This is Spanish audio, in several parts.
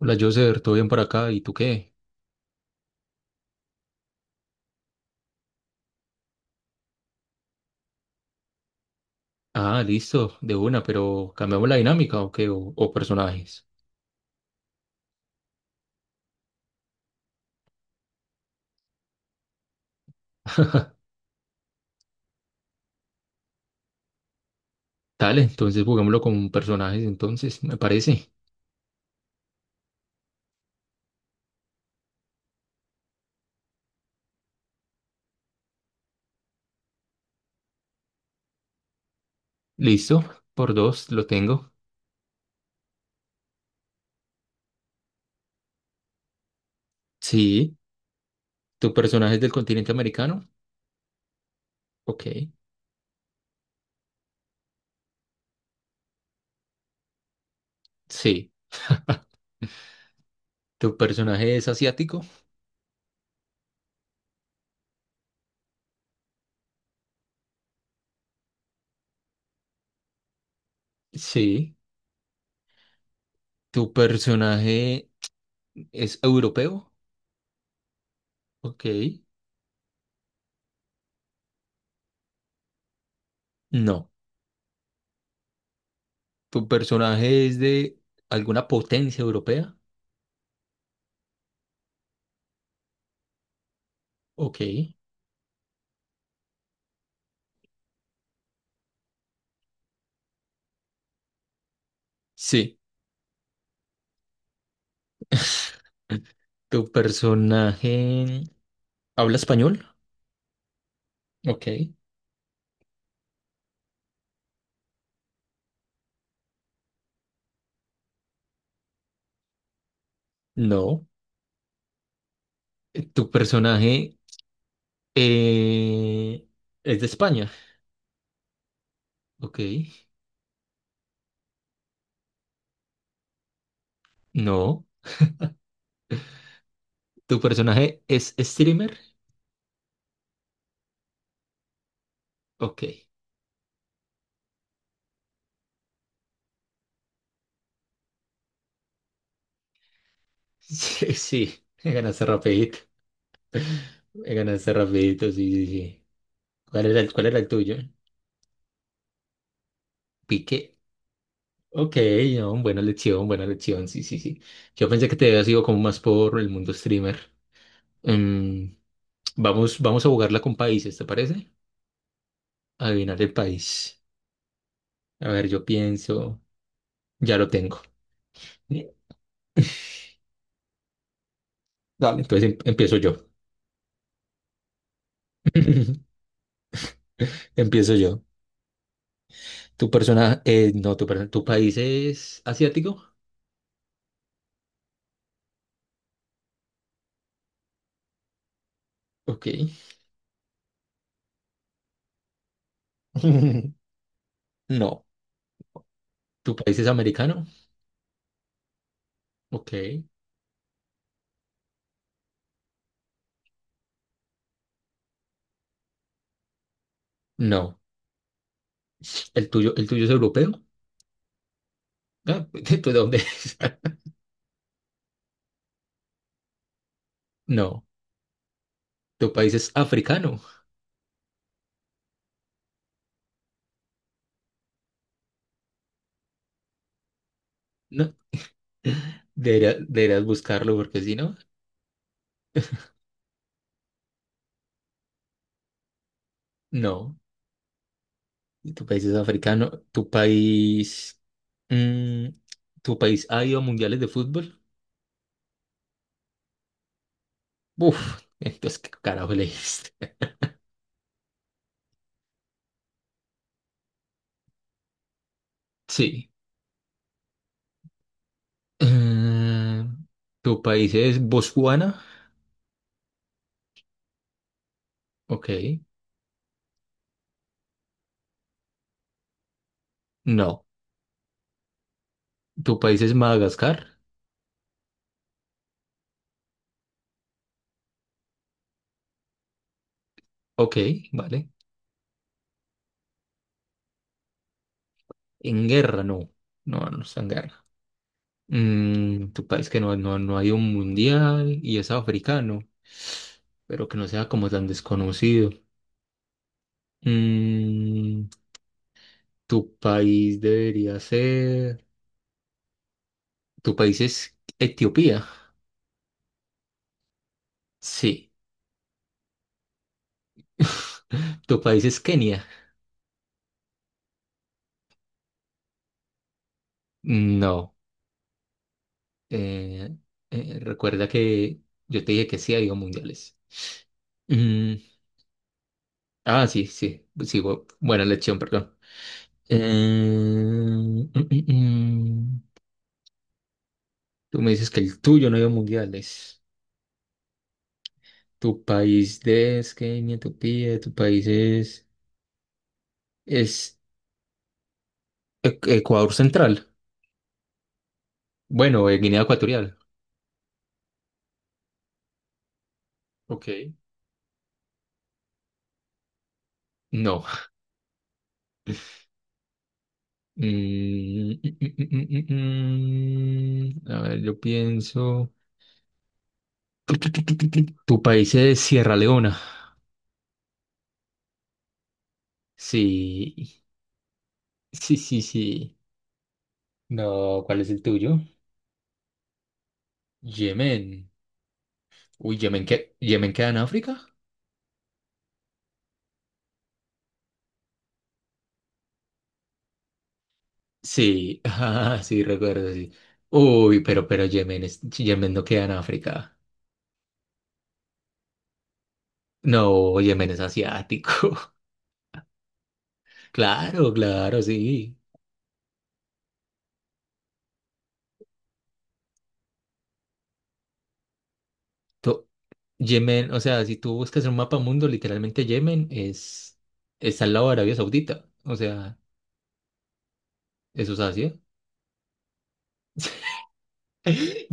Hola, Joser, ¿todo bien por acá? ¿Y tú qué? Ah, listo, de una, pero ¿cambiamos la dinámica o qué? ¿O personajes? Dale, entonces jugámoslo con personajes, entonces, me parece. Listo, por dos, lo tengo. Sí, ¿tu personaje es del continente americano? Ok, sí. ¿Tu personaje es asiático? Sí. ¿Tu personaje es europeo? Ok, no. ¿Tu personaje es de alguna potencia europea? Ok, sí. ¿Tu personaje habla español? Ok. No. ¿Tu personaje eh, es de España? Ok. No. ¿Tu personaje es streamer? Ok. Sí, sí. Me ganaste rapidito. Me ganaste rapidito, sí, sí, sí. ¿Cuál era cuál era el tuyo? Pique. Ok, no, buena lección, sí, sí, sí. Yo pensé que te había sido como más por el mundo streamer. Em, Vamos, vamos a jugarla con países, ¿te parece? Adivinar el país. A ver, yo pienso, ya lo tengo. Dale. Entonces empiezo yo. Empiezo yo. Tu persona, no, Tu persona, ¿tu país es asiático? Ok. No. ¿Tu país es americano? Ok. No. El tuyo es europeo? Ah, ¿de dónde es? No. ¿Tu país es africano? No. ¿Deberías buscarlo? Porque si no, no. ¿Tu país es africano? ¿Tu país... Mm, ¿tu país ha ido a mundiales de fútbol? Uf, entonces, ¿qué carajo le Sí. Eh, ¿Tu país es Botswana? Ok. No. ¿Tu país es Madagascar? Ok, vale. En guerra, no. No, no está en guerra. ¿Tu país que no ha ido a un mundial y es africano? Pero que no sea como tan desconocido. Mm, ¿Tu país debería ser... ¿Tu país es Etiopía? Sí. ¿Tu país es Kenia? No. Eh, recuerda que yo te dije que sí ha habido mundiales. Mm, ah, sí, sí. Sí, buena lección, perdón. Eh, mm, mm, mm. Tú me dices que el tuyo no ha ido a mundiales. Tu país de es Kenia, Etiopía, tu país es Ecuador Central. Bueno, Guinea Ecuatorial. Ok. No. Mm. A ver, yo pienso. Tu país es Sierra Leona. Sí, sí, sí, sí. No, ¿cuál es el tuyo? Yemen. Uy, ¿Yemen, qué. ¿Yemen queda en África? Sí, ah, sí, recuerdo, sí. Uy, pero Yemen Yemen no queda en África. No, Yemen es asiático. Claro, claro, sí. To- Yemen, o sea, si tú buscas en un mapa mundo, literalmente Yemen está al lado de Arabia Saudita. O sea, eso es Asia.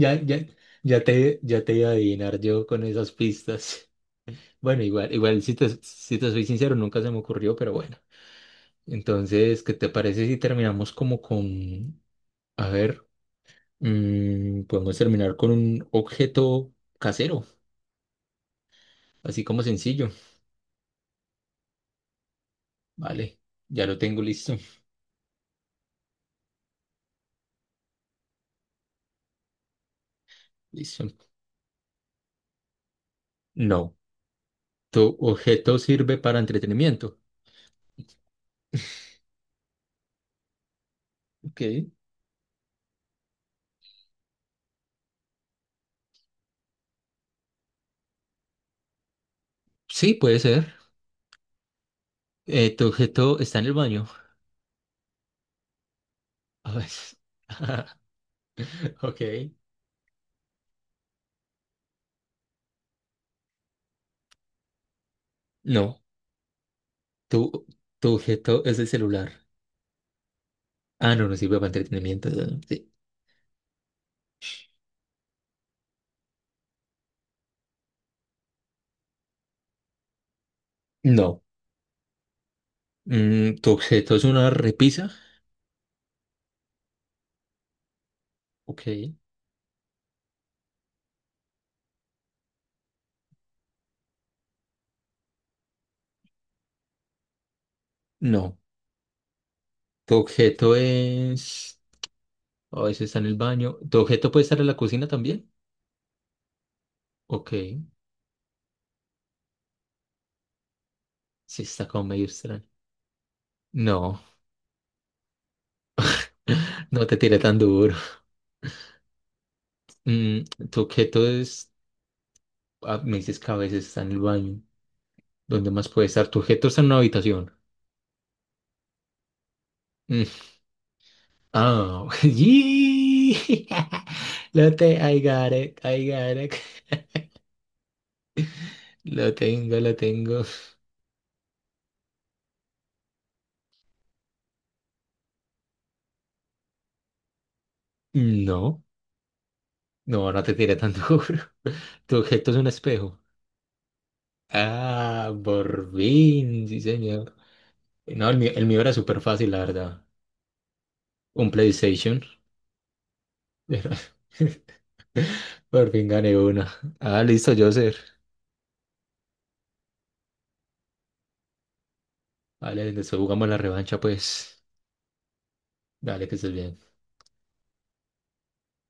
Ya, ya, ya te iba a adivinar yo con esas pistas. Bueno, igual, igual si te soy sincero, nunca se me ocurrió, pero bueno. Entonces, ¿qué te parece si terminamos como con, a ver, podemos terminar con un objeto casero, así como sencillo. Vale, ya lo tengo listo. Listo. No, tu objeto sirve para entretenimiento. Ok. Sí, puede ser. Tu objeto está en el baño. A ver. Ok. No. Tu, tu objeto es el celular. Ah, no, no sirve para entretenimiento. Sí. No. Tu objeto es una repisa. Ok. No. Tu objeto es. A veces está en el baño. Tu objeto puede estar en la cocina también. Ok. Sí, está como medio extraño. No. No te tiré tan duro. Mm, tu objeto es. Ah, me dices que a veces está en el baño. ¿Dónde más puede estar? Tu objeto está en una habitación. Oh, yee. I got it, I got it. Lo tengo, lo tengo. No, no, no te tiré tan duro. Tu objeto es un espejo. Ah, por fin, sí, señor. No, el mío era súper fácil, la verdad. Un PlayStation. Pero Por fin gané una. Ah, listo, Joser. Vale, después jugamos la revancha, pues. Dale, que estés bien.